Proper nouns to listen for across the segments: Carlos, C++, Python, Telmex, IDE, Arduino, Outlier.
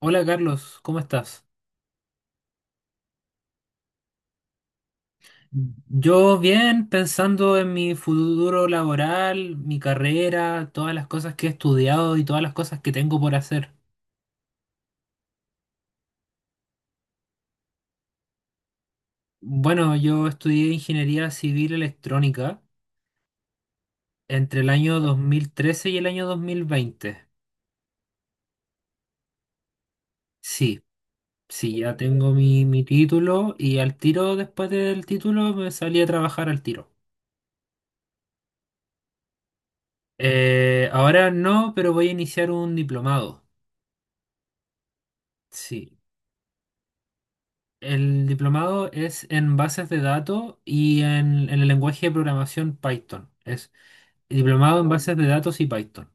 Hola Carlos, ¿cómo estás? Yo bien, pensando en mi futuro laboral, mi carrera, todas las cosas que he estudiado y todas las cosas que tengo por hacer. Bueno, yo estudié ingeniería civil electrónica entre el año 2013 y el año 2020. Sí, sí, ya tengo mi título y al tiro, después del título, me salí a trabajar al tiro. Ahora no, pero voy a iniciar un diplomado. Sí. El diplomado es en bases de datos y en el lenguaje de programación Python. Es diplomado en bases de datos y Python.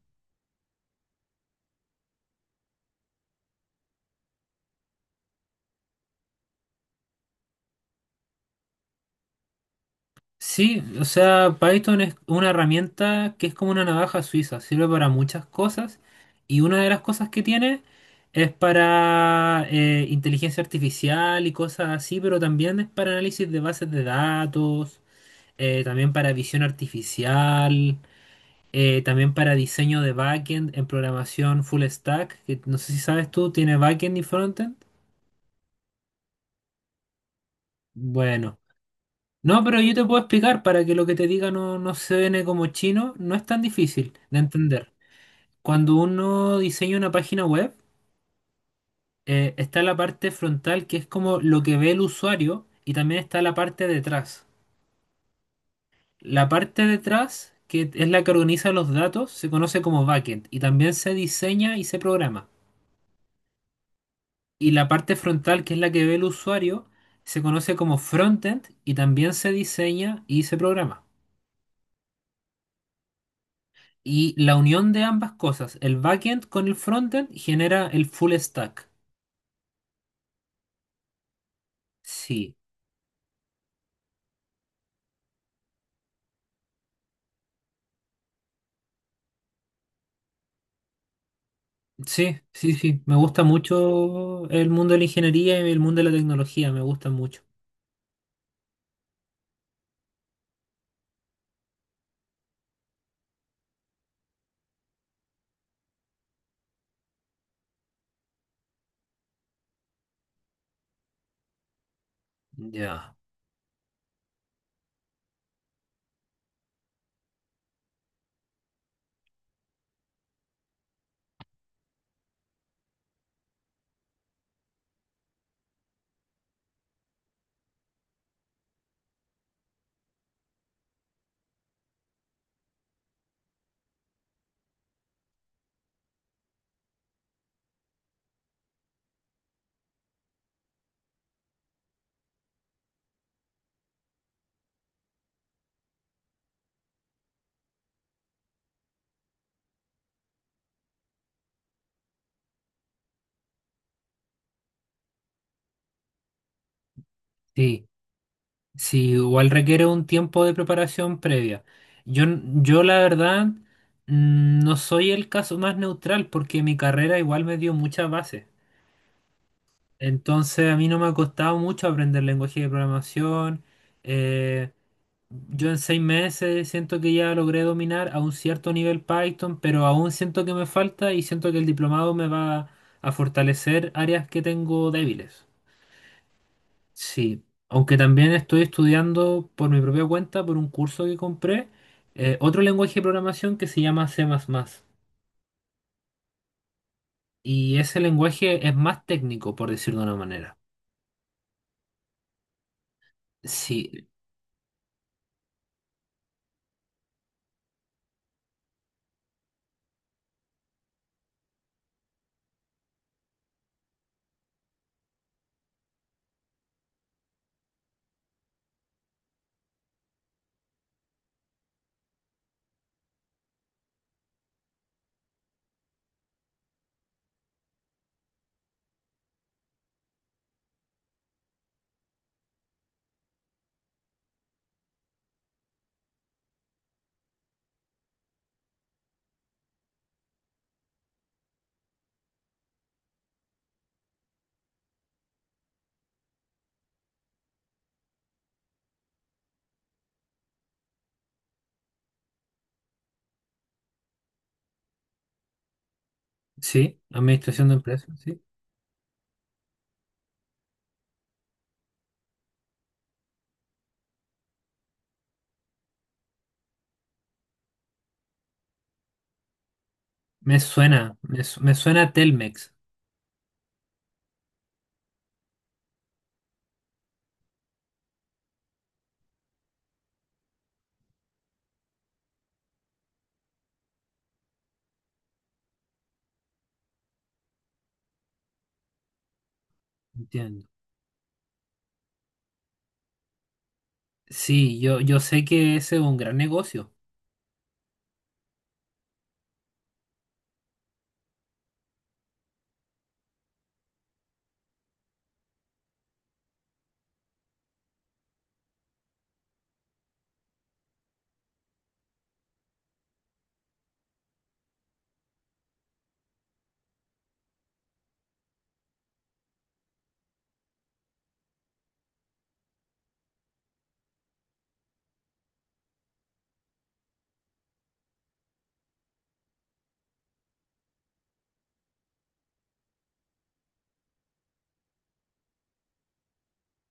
Sí, o sea, Python es una herramienta que es como una navaja suiza, sirve para muchas cosas y una de las cosas que tiene es para inteligencia artificial y cosas así, pero también es para análisis de bases de datos, también para visión artificial. También para diseño de backend en programación full stack, que no sé si sabes tú, ¿tiene backend y frontend? Bueno, no, pero yo te puedo explicar para que lo que te diga no suene como chino, no es tan difícil de entender. Cuando uno diseña una página web, está la parte frontal que es como lo que ve el usuario y también está la parte detrás. La parte detrás, que es la que organiza los datos, se conoce como backend y también se diseña y se programa. Y la parte frontal, que es la que ve el usuario, se conoce como frontend y también se diseña y se programa. Y la unión de ambas cosas, el backend con el frontend, genera el full stack. Sí, sí, sí, sí. Me gusta mucho el mundo de la ingeniería y el mundo de la tecnología, me gusta mucho. Ya, sí, sí, igual requiere un tiempo de preparación previa. Yo la verdad, no soy el caso más neutral porque mi carrera igual me dio muchas bases. Entonces a mí no me ha costado mucho aprender lenguaje de programación. Eh, yo en 6 meses siento que ya logré dominar a un cierto nivel Python, pero aún siento que me falta y siento que el diplomado me va a fortalecer áreas que tengo débiles. Sí, aunque también estoy estudiando por mi propia cuenta, por un curso que compré, otro lenguaje de programación que se llama C++. Y ese lenguaje es más técnico, por decirlo de una manera. Sí, sí, administración de empresas, sí. Me suena Telmex, entiendo. Sí, yo sé que ese es un gran negocio.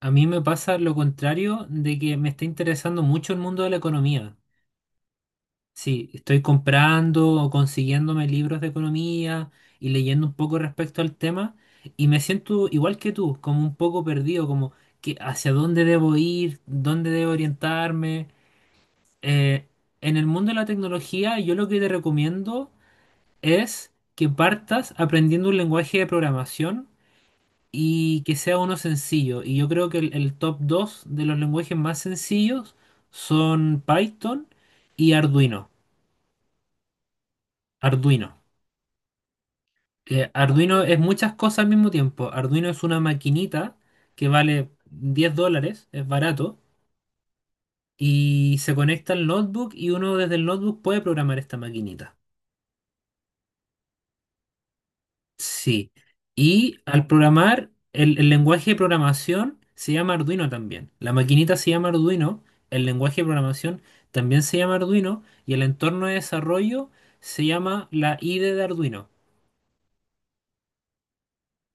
A mí me pasa lo contrario de que me está interesando mucho el mundo de la economía. Sí, estoy comprando o consiguiéndome libros de economía y leyendo un poco respecto al tema y me siento igual que tú, como un poco perdido, como que hacia dónde debo ir, dónde debo orientarme. Eh, en el mundo de la tecnología, yo lo que te recomiendo es que partas aprendiendo un lenguaje de programación y que sea uno sencillo. Y yo creo que el top 2 de los lenguajes más sencillos son Python y Arduino. Arduino. Arduino es muchas cosas al mismo tiempo. Arduino es una maquinita que vale $10, es barato, y se conecta al notebook y uno desde el notebook puede programar esta maquinita. Sí. Y al programar, el lenguaje de programación se llama Arduino también. La maquinita se llama Arduino, el lenguaje de programación también se llama Arduino y el entorno de desarrollo se llama la IDE de Arduino.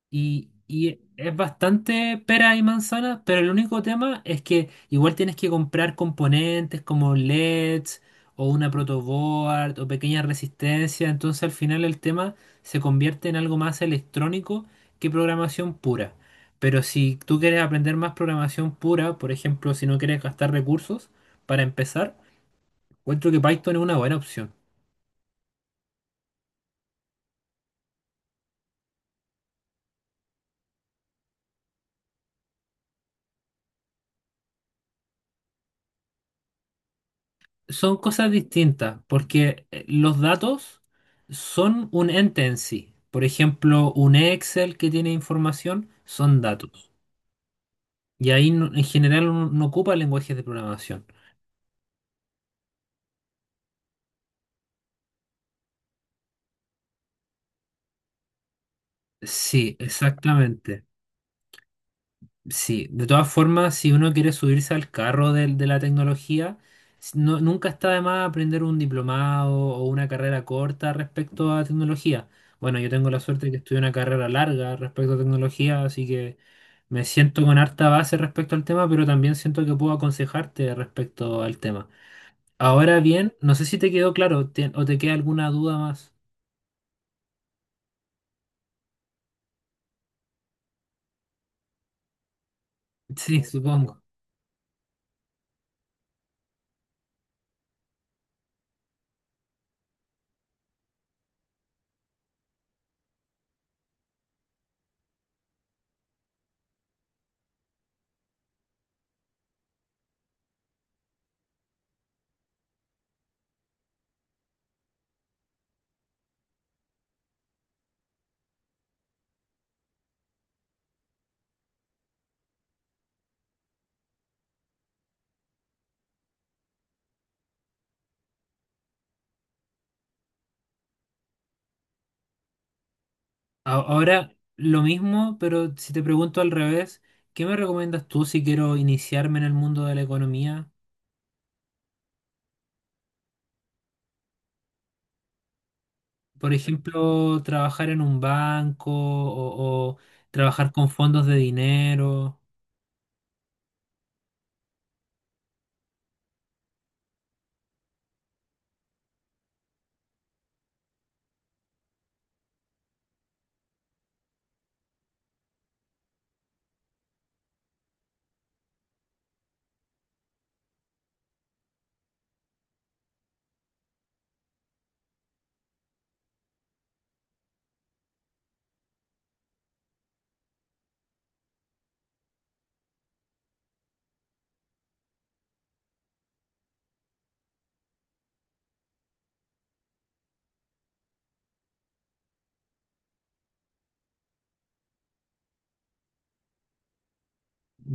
Y es bastante pera y manzana, pero el único tema es que igual tienes que comprar componentes como LEDs o una protoboard o pequeña resistencia, entonces al final el tema se convierte en algo más electrónico que programación pura. Pero si tú quieres aprender más programación pura, por ejemplo, si no quieres gastar recursos para empezar, encuentro que Python es una buena opción. Son cosas distintas, porque los datos son un ente en sí. Por ejemplo, un Excel que tiene información son datos. Y ahí no- en general uno no ocupa lenguajes de programación. Sí, exactamente. Sí, de todas formas, si uno quiere subirse al carro de la tecnología, nunca está de más aprender un diplomado o una carrera corta respecto a tecnología. Bueno, yo tengo la suerte de que estudié una carrera larga respecto a tecnología, así que me siento con harta base respecto al tema, pero también siento que puedo aconsejarte respecto al tema. Ahora bien, no sé si te quedó claro o te queda alguna duda más. Sí, supongo. Ahora, lo mismo, pero si te pregunto al revés, ¿qué me recomiendas tú si quiero iniciarme en el mundo de la economía? Por ejemplo, trabajar en un banco o trabajar con fondos de dinero.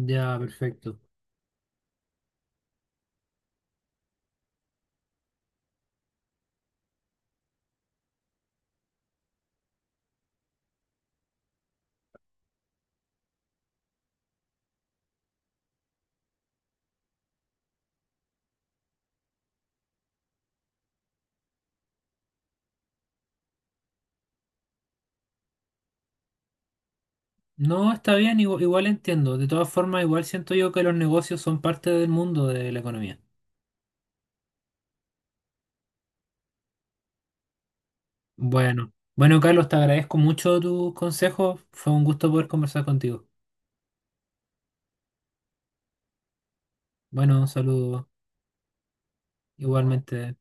Ya, perfecto. No, está bien, igual, entiendo. De todas formas, igual siento yo que los negocios son parte del mundo de la economía. Bueno, bueno, Carlos, te agradezco mucho tus consejos. Fue un gusto poder conversar contigo. Bueno, un saludo igualmente.